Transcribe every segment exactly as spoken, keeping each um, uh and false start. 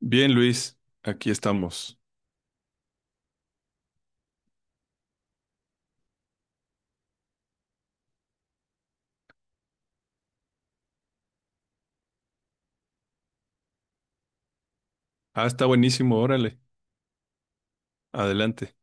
Bien, Luis, aquí estamos. Ah, está buenísimo, órale, adelante.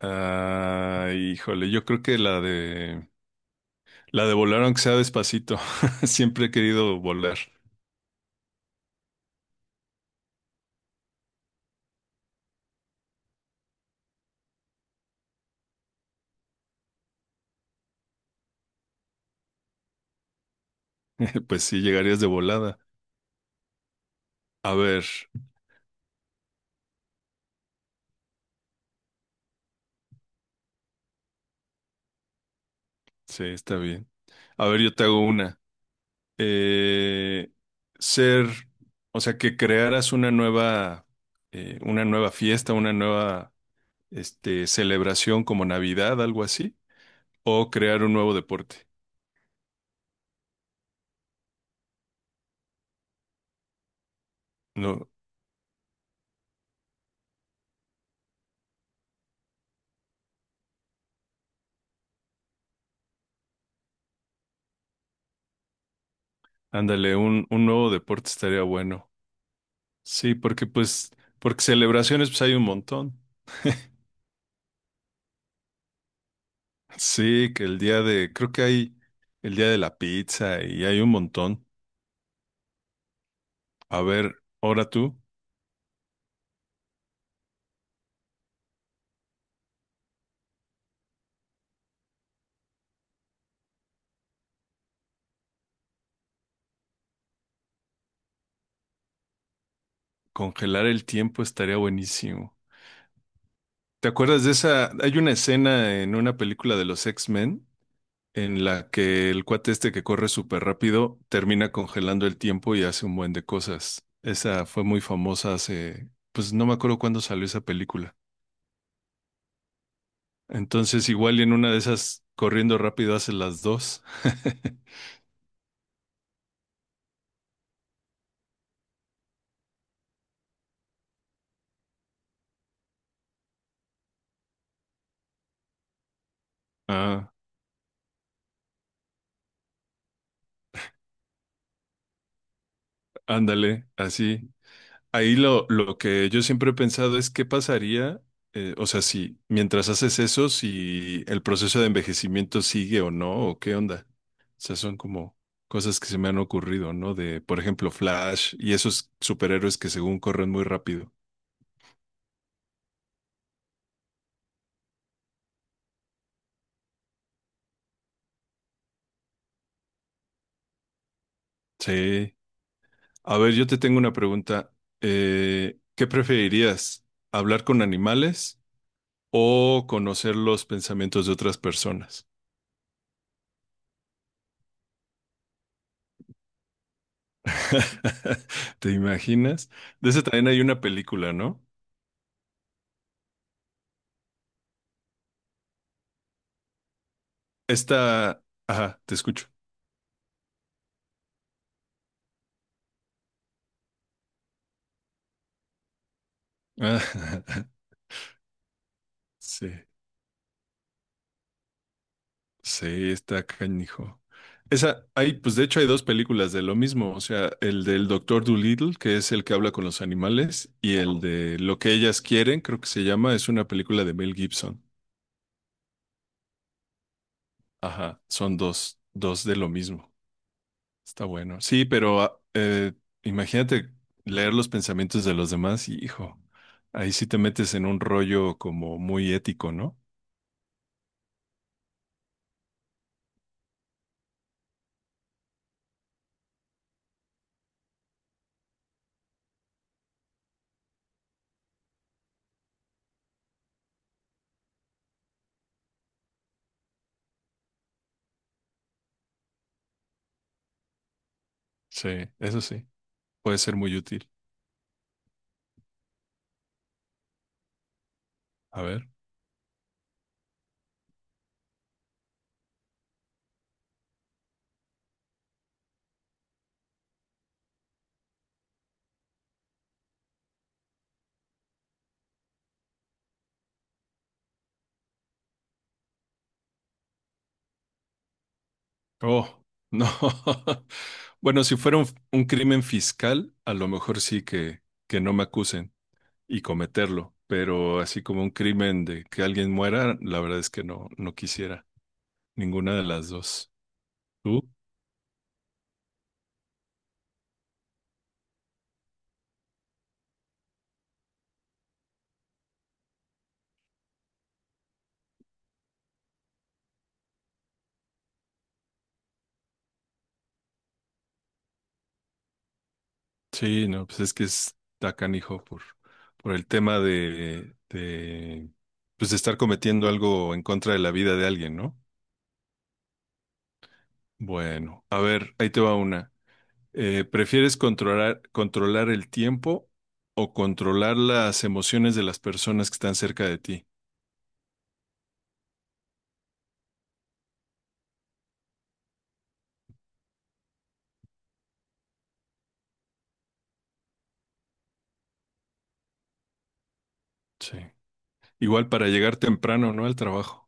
Ah, híjole, yo creo que la de la de volar aunque sea despacito. Siempre he querido volar. Pues sí, llegarías de volada. A ver, sí, está bien. A ver, yo te hago una. Eh, ser, o sea, que crearas una nueva, eh, una nueva fiesta, una nueva, este, celebración como Navidad, algo así, o crear un nuevo deporte. No. Ándale, un, un nuevo deporte estaría bueno. Sí, porque pues, porque celebraciones pues hay un montón. Sí, que el día de, creo que hay el día de la pizza y hay un montón. A ver, ahora tú, congelar el tiempo estaría buenísimo. ¿Te acuerdas de esa? Hay una escena en una película de los X-Men en la que el cuate este que corre súper rápido termina congelando el tiempo y hace un buen de cosas. Esa fue muy famosa hace, pues no me acuerdo cuándo salió esa película. Entonces, igual y en una de esas, corriendo rápido, hace las dos. Ah, ándale, así. Ahí lo, lo que yo siempre he pensado es qué pasaría, eh, o sea, si mientras haces eso, si el proceso de envejecimiento sigue o no, o qué onda. O sea, son como cosas que se me han ocurrido, ¿no? De, por ejemplo, Flash y esos superhéroes que según corren muy rápido. Sí. A ver, yo te tengo una pregunta. Eh, ¿qué preferirías? ¿Hablar con animales o conocer los pensamientos de otras personas? ¿Te imaginas? De ese también hay una película, ¿no? Esta, ajá, te escucho. Ah, sí, sí, está canijo. Esa, hay, pues de hecho hay dos películas de lo mismo, o sea, el del Doctor Dolittle, que es el que habla con los animales, y el de Lo que ellas quieren, creo que se llama, es una película de Mel Gibson. Ajá, son dos, dos de lo mismo. Está bueno. Sí, pero ah, eh, imagínate leer los pensamientos de los demás y, hijo, ahí sí te metes en un rollo como muy ético, ¿no? Sí, eso sí, puede ser muy útil. A ver. Oh, no. Bueno, si fuera un, un crimen fiscal, a lo mejor sí que, que no me acusen y cometerlo, pero así como un crimen de que alguien muera, la verdad es que no, no quisiera ninguna de las dos. ¿Tú? Sí, no, pues es que está canijo por, por el tema de, de, pues de estar cometiendo algo en contra de la vida de alguien, ¿no? Bueno, a ver, ahí te va una. Eh, ¿prefieres controlar, controlar el tiempo o controlar las emociones de las personas que están cerca de ti? Sí. Igual para llegar temprano, ¿no? Al trabajo.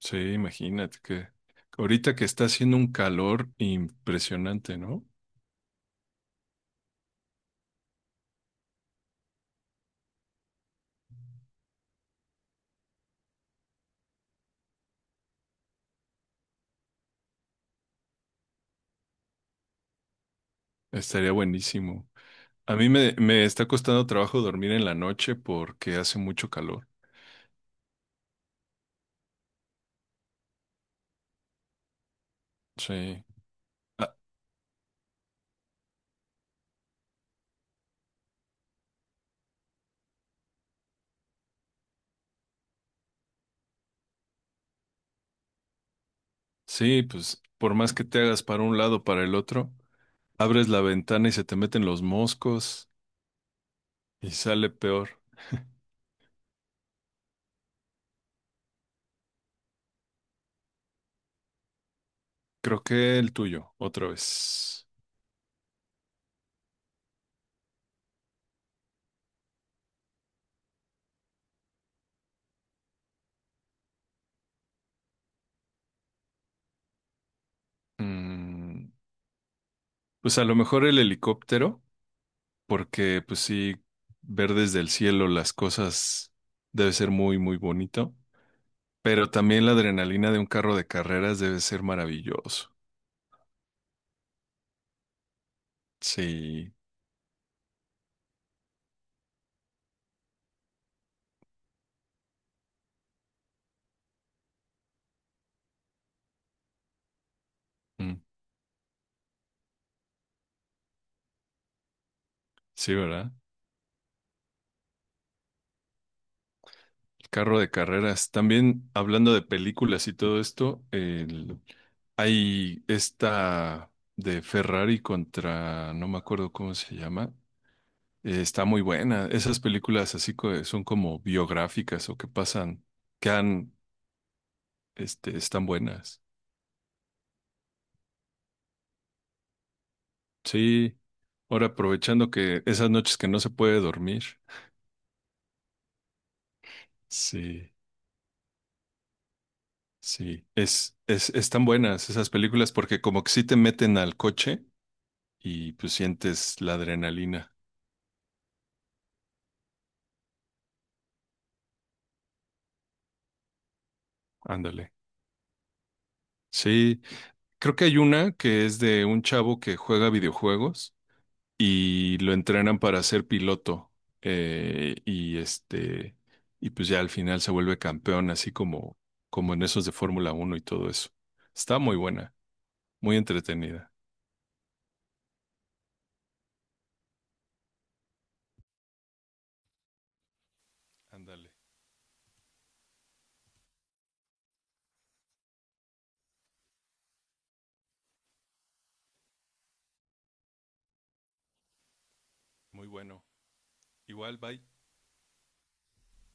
Sí, imagínate que ahorita que está haciendo un calor impresionante, ¿no? Estaría buenísimo. A mí me, me está costando trabajo dormir en la noche porque hace mucho calor. Sí. Ah, sí, pues por más que te hagas para un lado, o para el otro, abres la ventana y se te meten los moscos y sale peor. Creo que el tuyo, otra vez. Mm, pues a lo mejor el helicóptero, porque pues sí, ver desde el cielo las cosas debe ser muy, muy bonito. Pero también la adrenalina de un carro de carreras debe ser maravilloso. Sí. Mm. Sí, ¿verdad? El carro de carreras. También hablando de películas y todo esto, el- hay esta de Ferrari contra, no me acuerdo cómo se llama. Eh, está muy buena. Esas películas así co- son como biográficas o que pasan, que han, este, están buenas. Sí. Ahora aprovechando que esas noches que no se puede dormir. Sí, sí. Es, es, están buenas esas películas porque como que sí te meten al coche y pues sientes la adrenalina. Ándale. Sí, creo que hay una que es de un chavo que juega videojuegos y lo entrenan para ser piloto. eh, y este, y pues ya al final se vuelve campeón, así como, como en esos de Fórmula uno y todo eso. Está muy buena, muy entretenida. Ándale, muy bueno. Igual, bye.